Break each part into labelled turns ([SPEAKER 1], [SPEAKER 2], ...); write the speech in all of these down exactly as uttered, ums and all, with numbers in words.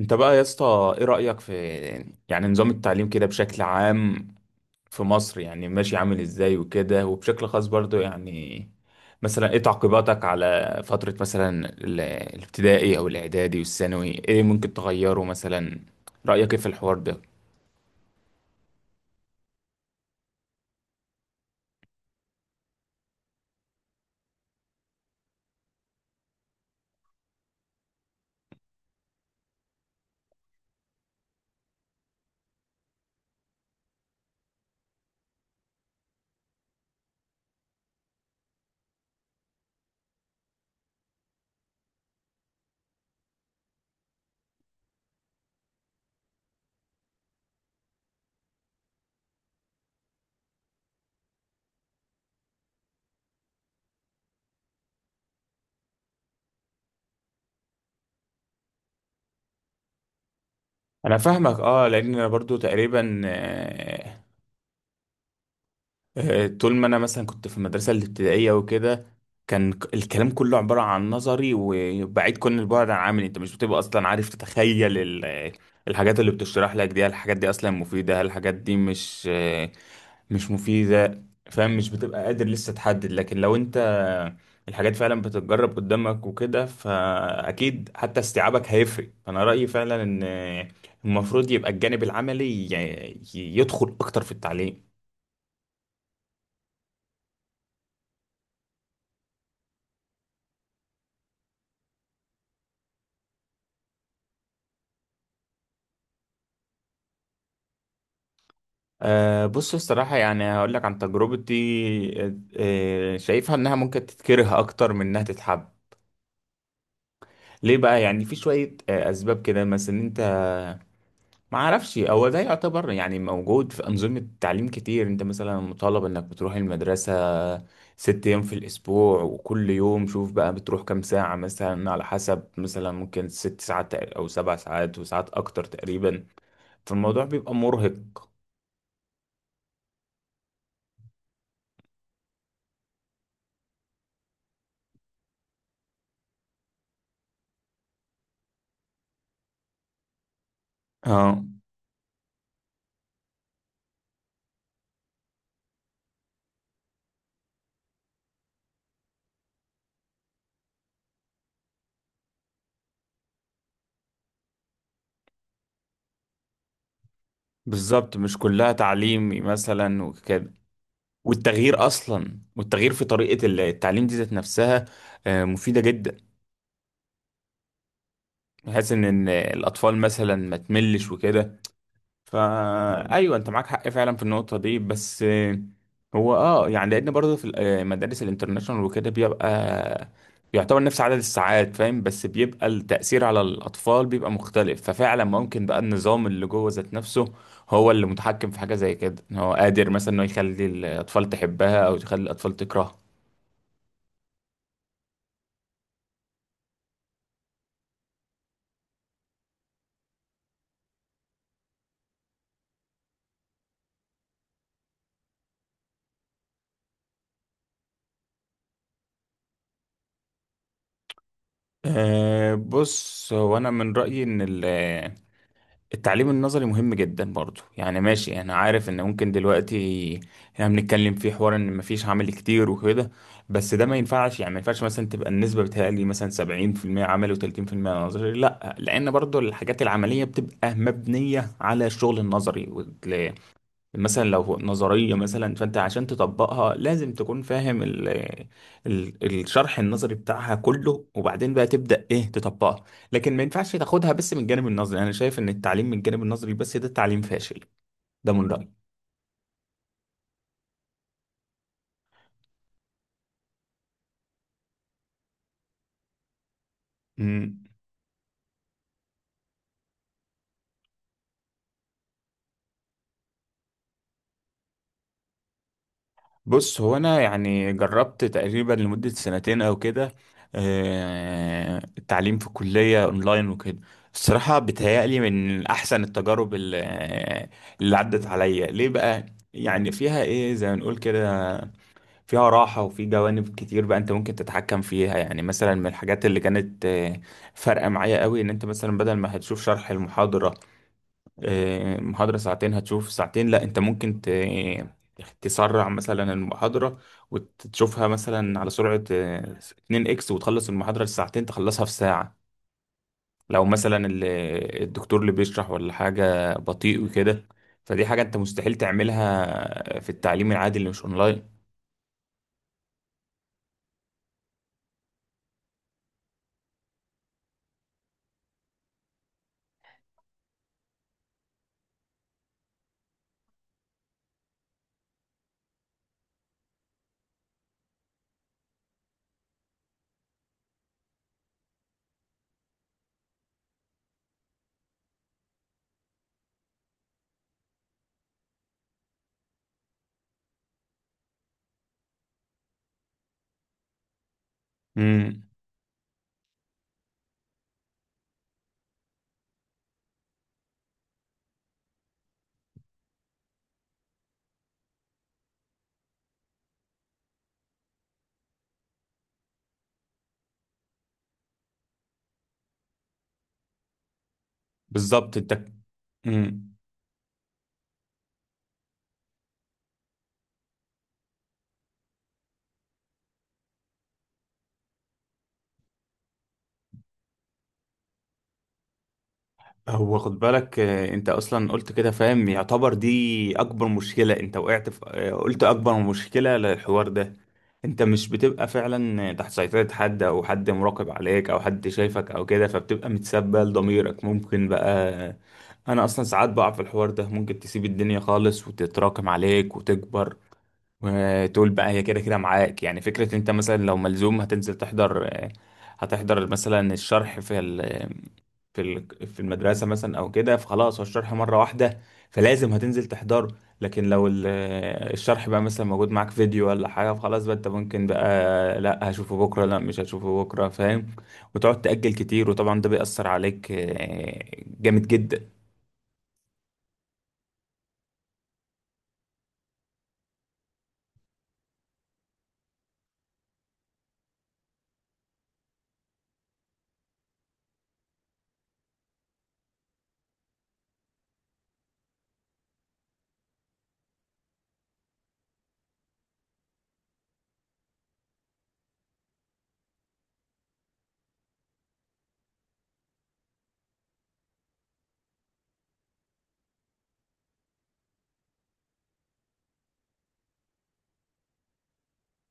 [SPEAKER 1] انت بقى يا اسطى، ايه رأيك في يعني نظام التعليم كده بشكل عام في مصر؟ يعني ماشي عامل ازاي وكده، وبشكل خاص برضو يعني مثلا ايه تعقيباتك على فترة مثلا ال- الابتدائي او الاعدادي والثانوي؟ ايه ممكن تغيره مثلا؟ رأيك ايه في الحوار ده؟ انا فاهمك اه، لان انا برضو تقريبا آه، طول ما انا مثلا كنت في المدرسه الابتدائيه وكده، كان ك- الكلام كله عباره عن نظري وبعيد كل البعد عن عملي. انت مش بتبقى اصلا عارف تتخيل ال- الحاجات اللي بتشرح لك دي. هل الحاجات دي اصلا مفيده؟ هل الحاجات دي مش آه، مش مفيده؟ فاهم، مش بتبقى قادر لسه تحدد. لكن لو انت الحاجات فعلا بتتجرب قدامك وكده، فاكيد حتى استيعابك هيفرق. فانا رايي فعلا ان المفروض يبقى الجانب العملي ي- ي- يدخل اكتر في التعليم. أه بص، الصراحة يعني هقول لك عن تجربتي. أه، آه، شايفها انها ممكن تتكره اكتر من انها تتحب. ليه بقى؟ يعني في شوية أه اسباب كده، مثلا إن انت، ما اعرفش هو ده يعتبر يعني موجود في انظمة تعليم كتير، انت مثلا مطالب انك بتروح المدرسة ست ايام في الاسبوع، وكل يوم شوف بقى بتروح كام ساعة، مثلا على حسب، مثلا ممكن ست ساعات تق- او سبع ساعات وساعات اكتر تقريبا. فالموضوع بيبقى مرهق. اه بالظبط، مش كلها تعليم مثلا وكده. والتغيير اصلا، والتغيير في طريقه التعليم دي ذات نفسها آه، مفيده جدا، بحيث ان إن الاطفال مثلا ما تملش وكده. فا ايوه، انت معاك حق فعلا في النقطه دي، بس آه، هو اه يعني لان برضه في ال- آه، مدارس الانترناشونال وكده بيبقى يعتبر نفس عدد الساعات، فاهم، بس بيبقى التأثير على الأطفال بيبقى مختلف. ففعلا ممكن بقى النظام اللي جوه ذات نفسه هو اللي متحكم في حاجة زي كده، إن هو قادر مثلا إنه يخلي الأطفال تحبها أو يخلي الأطفال تكرهها. أه بص، هو انا من رايي ان ال- التعليم النظري مهم جدا برضو. يعني ماشي، انا عارف ان ممكن دلوقتي احنا بنتكلم في حوار ان مفيش عمل كتير وكده، بس ده ما ينفعش. يعني ما ينفعش مثلا تبقى النسبه بتهيألي مثلا سبعين في المية عمل وثلاثين في المية نظري، لا، لان برضو الحاجات العمليه بتبقى مبنيه على الشغل النظري. مثلا لو نظرية مثلا، فأنت عشان تطبقها لازم تكون فاهم ال ال الشرح النظري بتاعها كله، وبعدين بقى تبدأ إيه تطبقها. لكن ما ينفعش تاخدها بس من الجانب النظري. أنا شايف إن التعليم من الجانب النظري بس ده تعليم فاشل، ده من رأيي. مم. بص، هو انا يعني جربت تقريبا لمدة سنتين او كده آه، التعليم في الكلية اونلاين وكده. الصراحة بتهيألي من احسن التجارب ال- آه، اللي عدت عليا. ليه بقى؟ يعني فيها ايه زي ما نقول كده، فيها راحة، وفي جوانب كتير بقى انت ممكن تتحكم فيها. يعني مثلا من الحاجات اللي كانت آه، فارقة معايا قوي، ان انت مثلا بدل ما هتشوف شرح المحاضرة، آه، محاضرة ساعتين هتشوف ساعتين، لا، انت ممكن ت... تسرع مثلا المحاضرة وتشوفها مثلا على سرعة اتنين اكس، وتخلص المحاضرة الساعتين تخلصها في ساعة، لو مثلا ال- الدكتور اللي بيشرح ولا حاجة بطيء وكده. فدي حاجة انت مستحيل تعملها في التعليم العادي اللي مش اونلاين. امم، بالظبط. انت، امم، هو خد بالك آه، انت اصلا قلت كده، فاهم، يعتبر دي اكبر مشكلة انت وقعت في، آه، قلت اكبر مشكلة للحوار ده. انت مش بتبقى فعلا تحت سيطرة حد او حد مراقب عليك او حد شايفك او كده، فبتبقى متسبة لضميرك. ممكن بقى آه، انا اصلا ساعات بقع في الحوار ده. ممكن تسيب الدنيا خالص وتتراكم عليك وتكبر، وتقول بقى هي كده كده معاك. يعني فكرة انت مثلا لو ملزوم هتنزل تحضر، آه، هتحضر مثلا الشرح في، في ال- في المدرسه مثلا او كده، فخلاص، هو الشرح مره واحده، فلازم هتنزل تحضره. لكن لو ال- الشرح بقى مثلا موجود معاك فيديو ولا حاجه، فخلاص بقى انت ممكن بقى لا هشوفه بكره، لا مش هشوفه بكره، فاهم، وتقعد تأجل كتير، وطبعا ده بيأثر عليك آه، جامد جدا.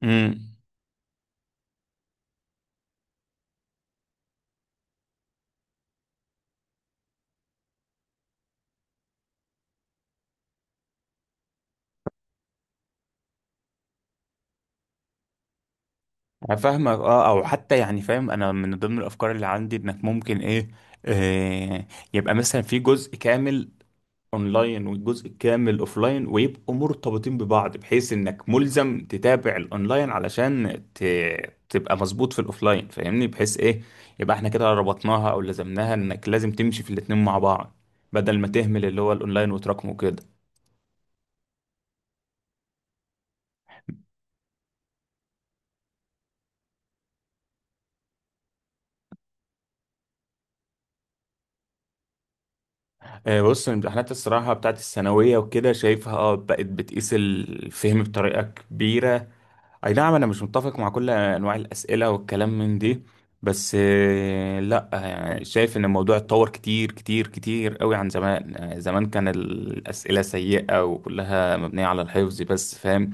[SPEAKER 1] امم. فاهمك اه. او حتى يعني، فاهم، انا من ضمن الافكار اللي عندي انك ممكن ايه، آه، يبقى مثلا في جزء كامل اونلاين والجزء الكامل اوفلاين، ويبقوا مرتبطين ببعض، بحيث انك ملزم تتابع الاونلاين علشان ت... تبقى مظبوط في الاوفلاين، فاهمني، بحيث ايه، يبقى احنا كده ربطناها او لزمناها انك لازم تمشي في الاتنين مع بعض، بدل ما تهمل اللي هو الاونلاين وتراكمه كده. آه، بص، الامتحانات الصراحه بتاعت الثانويه وكده، شايفها اه بقت بتقيس الفهم بطريقه كبيره. اي نعم، انا مش متفق مع كل انواع الاسئله والكلام من دي، بس آه، لا، يعني شايف ان الموضوع اتطور كتير كتير كتير قوي عن زمان. آه، زمان كان الاسئله سيئه وكلها مبنيه على الحفظ بس، فاهم،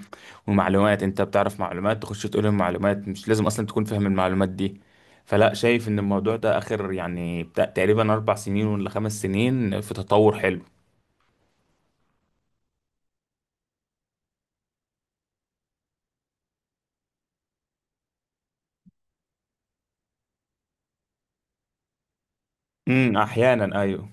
[SPEAKER 1] ومعلومات انت بتعرف معلومات، تخش تقول المعلومات، مش لازم اصلا تكون فاهم المعلومات دي. فلا، شايف ان الموضوع ده اخر يعني بتاع تقريبا اربع سنين ولا خمس سنين في تطور حلو. امم احيانا ايوه.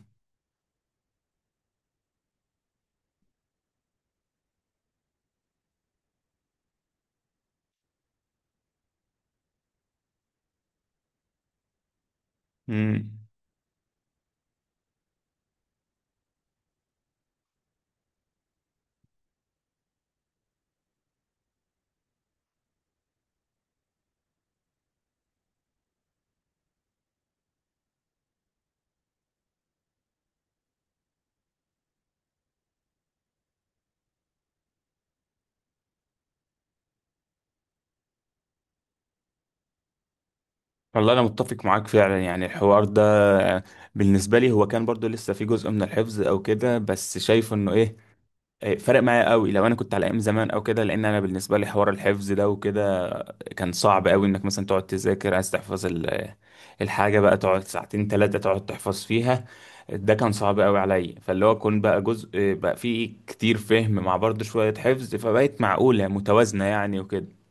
[SPEAKER 1] امم. والله انا متفق معاك فعلا. يعني الحوار ده آه، بالنسبه لي هو كان برضو لسه في جزء من الحفظ او كده، بس شايف انه ايه، إيه، فرق معايا قوي. لو انا كنت على ايام زمان او كده، لان انا بالنسبه لي حوار الحفظ ده وكده كان صعب قوي، انك مثلا تقعد تذاكر عايز تحفظ ال- الحاجه، بقى تقعد ساعتين ثلاثه تقعد تحفظ فيها، ده كان صعب قوي عليا. فاللي هو كون بقى جزء آه، بقى فيه كتير فهم مع برضو شويه حفظ، فبقت معقوله متوازنه يعني وكده.